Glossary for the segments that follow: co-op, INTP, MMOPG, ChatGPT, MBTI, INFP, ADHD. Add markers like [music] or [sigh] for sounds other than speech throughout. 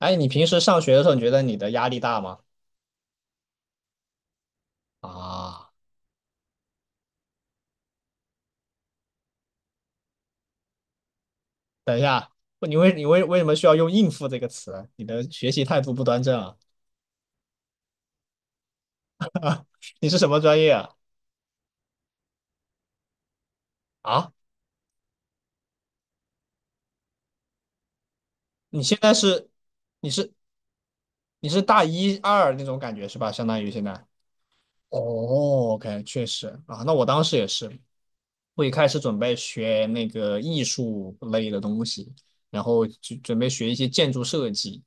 哎，你平时上学的时候，你觉得你的压力大吗？啊，等一下，你为你为为什么需要用"应付"这个词？你的学习态度不端正啊！你是什么专业啊？啊，你现在是你是你是大一二那种感觉是吧？相当于现在。哦，OK，确实啊，那我当时也是，我一开始准备学那个艺术类的东西，然后就准备学一些建筑设计，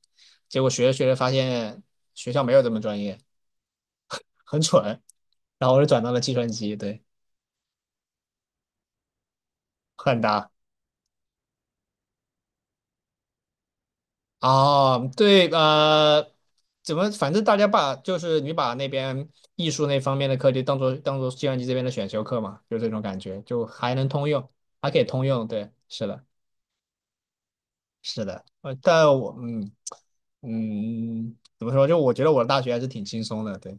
结果学着学着发现学校没有这么专业，很蠢。然后我就转到了计算机，对，很大哦，对，怎么，反正大家把就是你把那边艺术那方面的课题当做计算机这边的选修课嘛，就这种感觉，就还能通用，还可以通用，对，是的，是的，但我怎么说，就我觉得我的大学还是挺轻松的，对，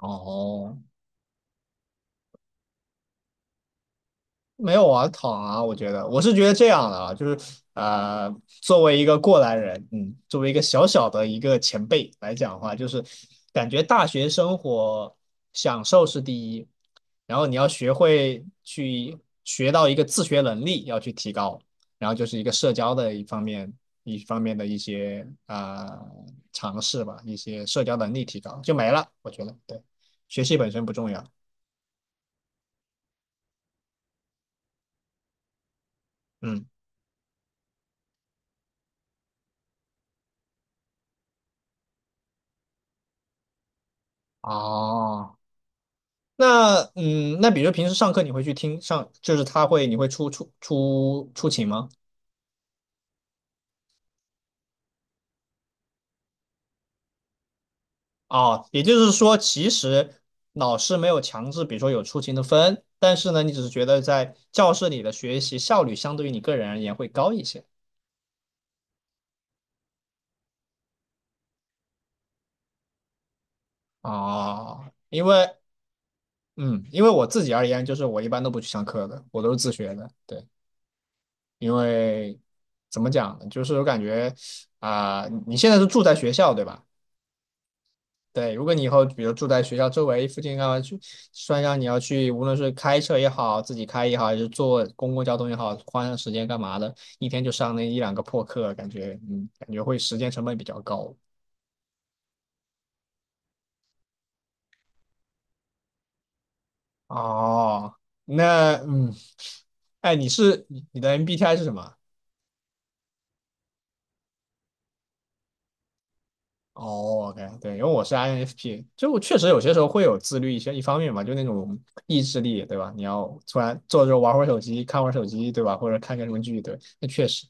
哦。没有啊，躺啊，我觉得我是觉得这样的啊，就是呃，作为一个过来人，嗯，作为一个小小的一个前辈来讲的话，就是感觉大学生活享受是第一，然后你要学会去学到一个自学能力要去提高，然后就是一个社交的一方面的一些尝试吧，一些社交能力提高就没了，我觉得对，学习本身不重要，嗯，哦。那嗯，那比如平时上课你会去听上，就是他会你会出勤吗？哦，也就是说，其实老师没有强制，比如说有出勤的分，但是呢，你只是觉得在教室里的学习效率相对于你个人而言会高一些哦。因为嗯，因为我自己而言，就是我一般都不去上课的，我都是自学的，对，因为怎么讲呢，就是我感觉你现在是住在学校对吧？对，如果你以后比如住在学校周围附近干嘛去，算上你要去，无论是开车也好，自己开也好，还是坐公共交通也好，花上时间干嘛的，一天就上那一两个破课，感觉感觉会时间成本比较高。哦，那嗯，哎，你的 MBTI 是什么？哦，OK,对，因为我是 INFP,就确实有些时候会有自律一些一方面嘛，就那种意志力，对吧？你要突然坐着玩会儿手机，看会儿手机，对吧？或者看个什么剧，对，那确实。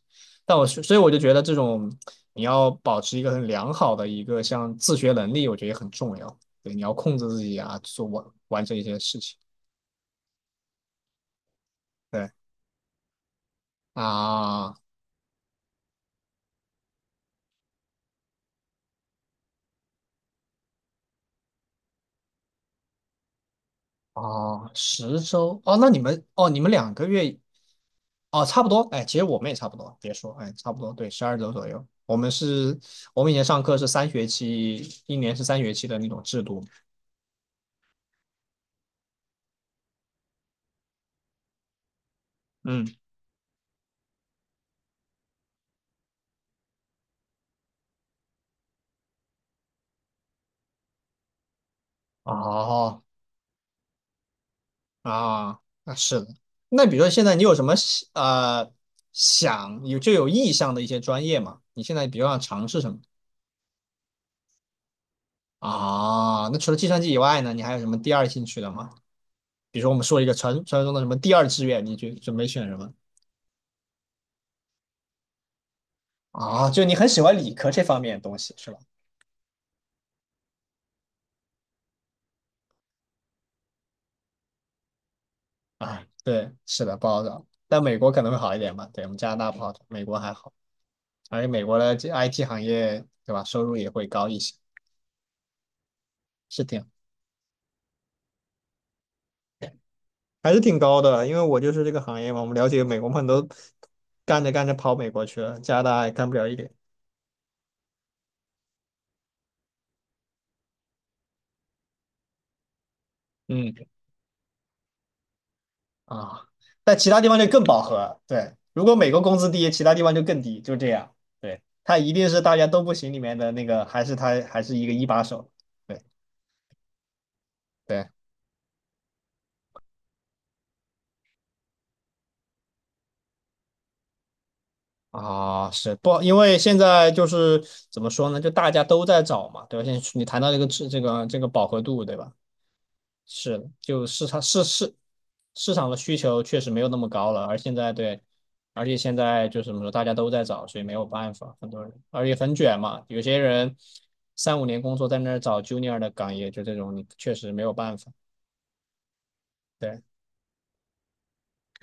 但我是所以我就觉得这种你要保持一个很良好的一个像自学能力，我觉得也很重要。对，你要控制自己啊，完成一些事情。对啊，哦，10周哦，那你们哦，你们2个月。哦，差不多，哎，其实我们也差不多，别说，哎，差不多，对，12周左右。我们是，我们以前上课是三学期，一年是三学期的那种制度。嗯，哦，啊，那是的。那比如说现在你有什么想有就有意向的一些专业吗？你现在比如想尝试什么？啊，那除了计算机以外呢，你还有什么第二兴趣的吗？比如说我们说一个传说中的什么第二志愿，你就准备选什么？啊，就你很喜欢理科这方面的东西是吧？啊，对，是的，不好找。但美国可能会好一点吧？对，我们加拿大不好找，美国还好。而且美国的这 IT 行业，对吧？收入也会高一些，是挺还是挺高的。因为我就是这个行业嘛，我们了解美国朋友都干着干着跑美国去了，加拿大也干不了一点。嗯啊，但其他地方就更饱和。对，如果美国工资低，其他地方就更低，就这样。对，他一定是大家都不行里面的那个，还是他还是一个一把手。对。对。啊，是不？因为现在就是怎么说呢？就大家都在找嘛，对吧？现在你谈到这个质，这个饱和度，对吧？是的，就市场的需求确实没有那么高了，而现在对，而且现在就是怎么说，大家都在找，所以没有办法，很多人，而且很卷嘛，有些人三五年工作在那儿找 junior 的岗，也就这种，你确实没有办法。对，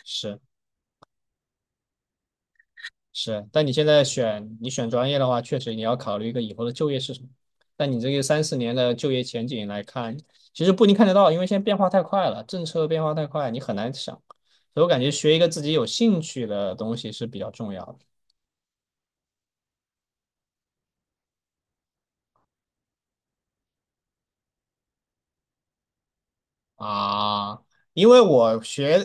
是。是，但你现在选专业的话，确实你要考虑一个以后的就业是什么。但你这个三四年的就业前景来看，其实不一定看得到，因为现在变化太快了，政策变化太快，你很难想。所以我感觉学一个自己有兴趣的东西是比较重要的。啊，因为我学，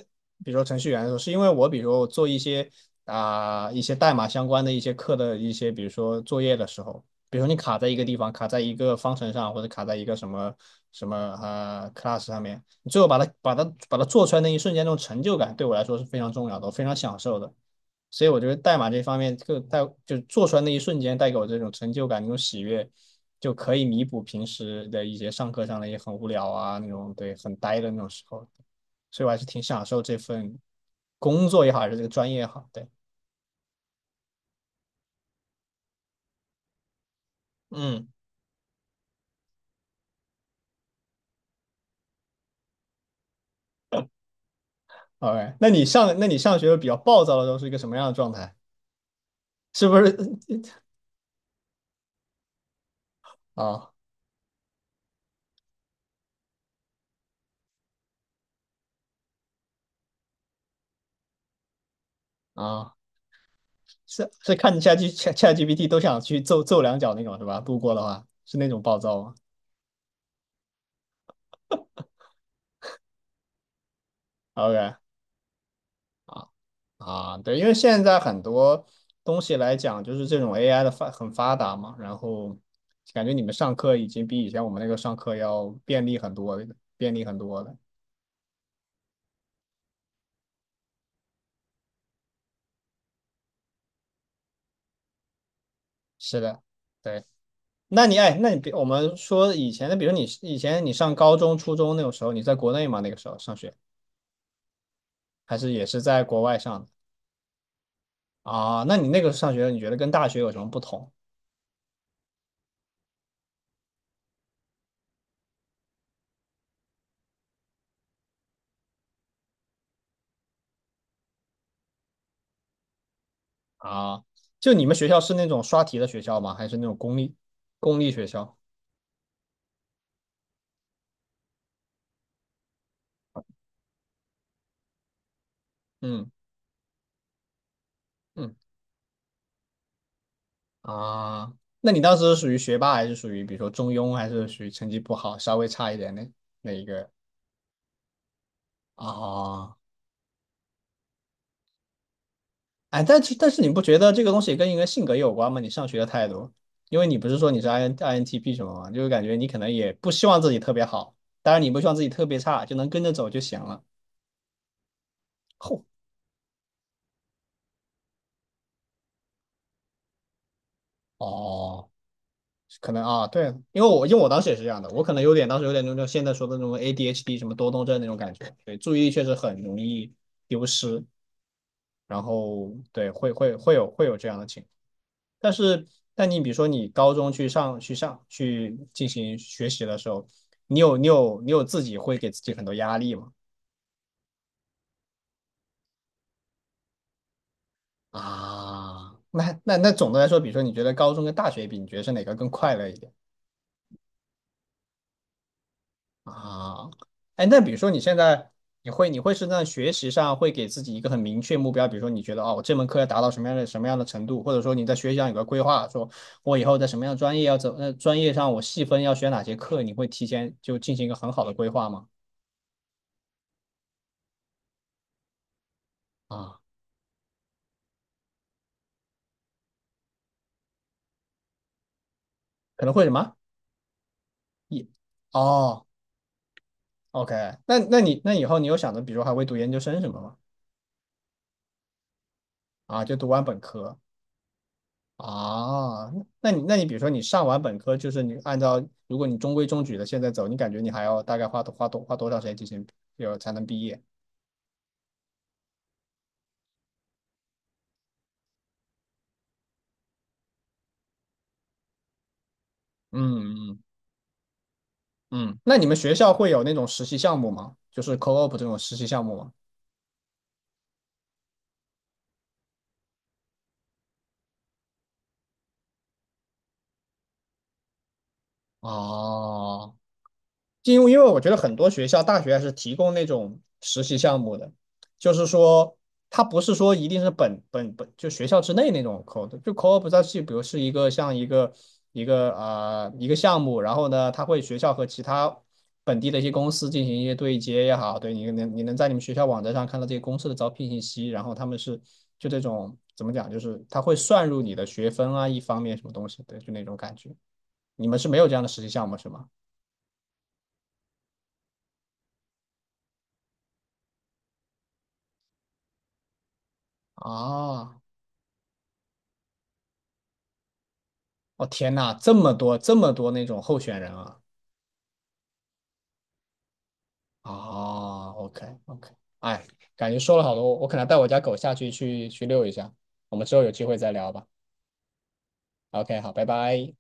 比如说程序员的时候，是因为我比如说我做一些一些代码相关的一些课的一些，比如说作业的时候，比如说你卡在一个地方，卡在一个方程上，或者卡在一个什么什么class 上面，你最后把它做出来那一瞬间，那种成就感对我来说是非常重要的，我非常享受的。所以我觉得代码这方面，就做出来那一瞬间带给我这种成就感、那种喜悦，就可以弥补平时的一些上课上的也很无聊啊，那种对很呆的那种时候。所以我还是挺享受这份工作也好，还是这个专业也好。对，嗯，OK。那你上学比较暴躁的时候是一个什么样的状态？是不是 [laughs] 啊啊？是看 ChatG Chat Chat g p t 都想去揍揍两脚那种是吧？路过的话是那种暴躁吗？OK。啊。啊，对，因为现在很多东西来讲，就是这种 AI 的很发达嘛，然后感觉你们上课已经比以前我们那个上课要便利很多，便利很多了。是的，对。那你比我们说以前的，比如你以前你上高中、初中那种时候，你在国内吗？那个时候上学，还是也是在国外上的啊？那你那个上学，你觉得跟大学有什么不同啊？就你们学校是那种刷题的学校吗？还是那种公立学校？嗯。嗯啊，那你当时是属于学霸，还是属于比如说中庸，还是属于成绩不好，稍微差一点的那一个？啊，哎，但是你不觉得这个东西跟一个性格有关吗？你上学的态度，因为你不是说你是 INTP 什么吗？就是感觉你可能也不希望自己特别好，当然你不希望自己特别差，就能跟着走就行了。后哦，可能啊，对，因为我当时也是这样的，我可能有点当时有点那种现在说的那种 ADHD 什么多动症那种感觉，对，注意力确实很容易丢失。然后对，会有这样的情况但是，但你比如说你高中去进行学习的时候，你有自己会给自己很多压力吗？啊，那总的来说，比如说你觉得高中跟大学比，你觉得是哪个更快乐一点？啊，哎，那比如说你现在你会在学习上会给自己一个很明确目标，比如说你觉得哦，我这门课要达到什么样的程度，或者说你在学习上有个规划，说我以后在什么样的专业要走，专业上我细分要选哪些课，你会提前就进行一个很好的规划吗？啊，可能会什么？一哦，OK,那那你那以后你有想着，比如还会读研究生什么吗？啊，就读完本科啊，那你那你比如说你上完本科，就是你按照如果你中规中矩的现在走，你感觉你还要大概花多长时间进行有才能毕业？嗯嗯嗯，那你们学校会有那种实习项目吗？就是 co-op 这种实习项目吗？哦因为我觉得很多学校大学还是提供那种实习项目的，就是说它不是说一定是本本本就学校之内那种 code,就 co-op 它是比如是一个像一个一个呃一个项目，然后呢，它会学校和其他本地的一些公司进行一些对接也好，你能在你们学校网站上看到这些公司的招聘信息，然后他们是就这种怎么讲，就是它会算入你的学分啊，一方面什么东西，对，就那种感觉。你们是没有这样的实习项目是吗？啊。哦天呐，这么多那种候选人啊！哦，OK OK,哎，感觉说了好多，我可能带我家狗下去遛一下，我们之后有机会再聊吧。OK,好，拜拜。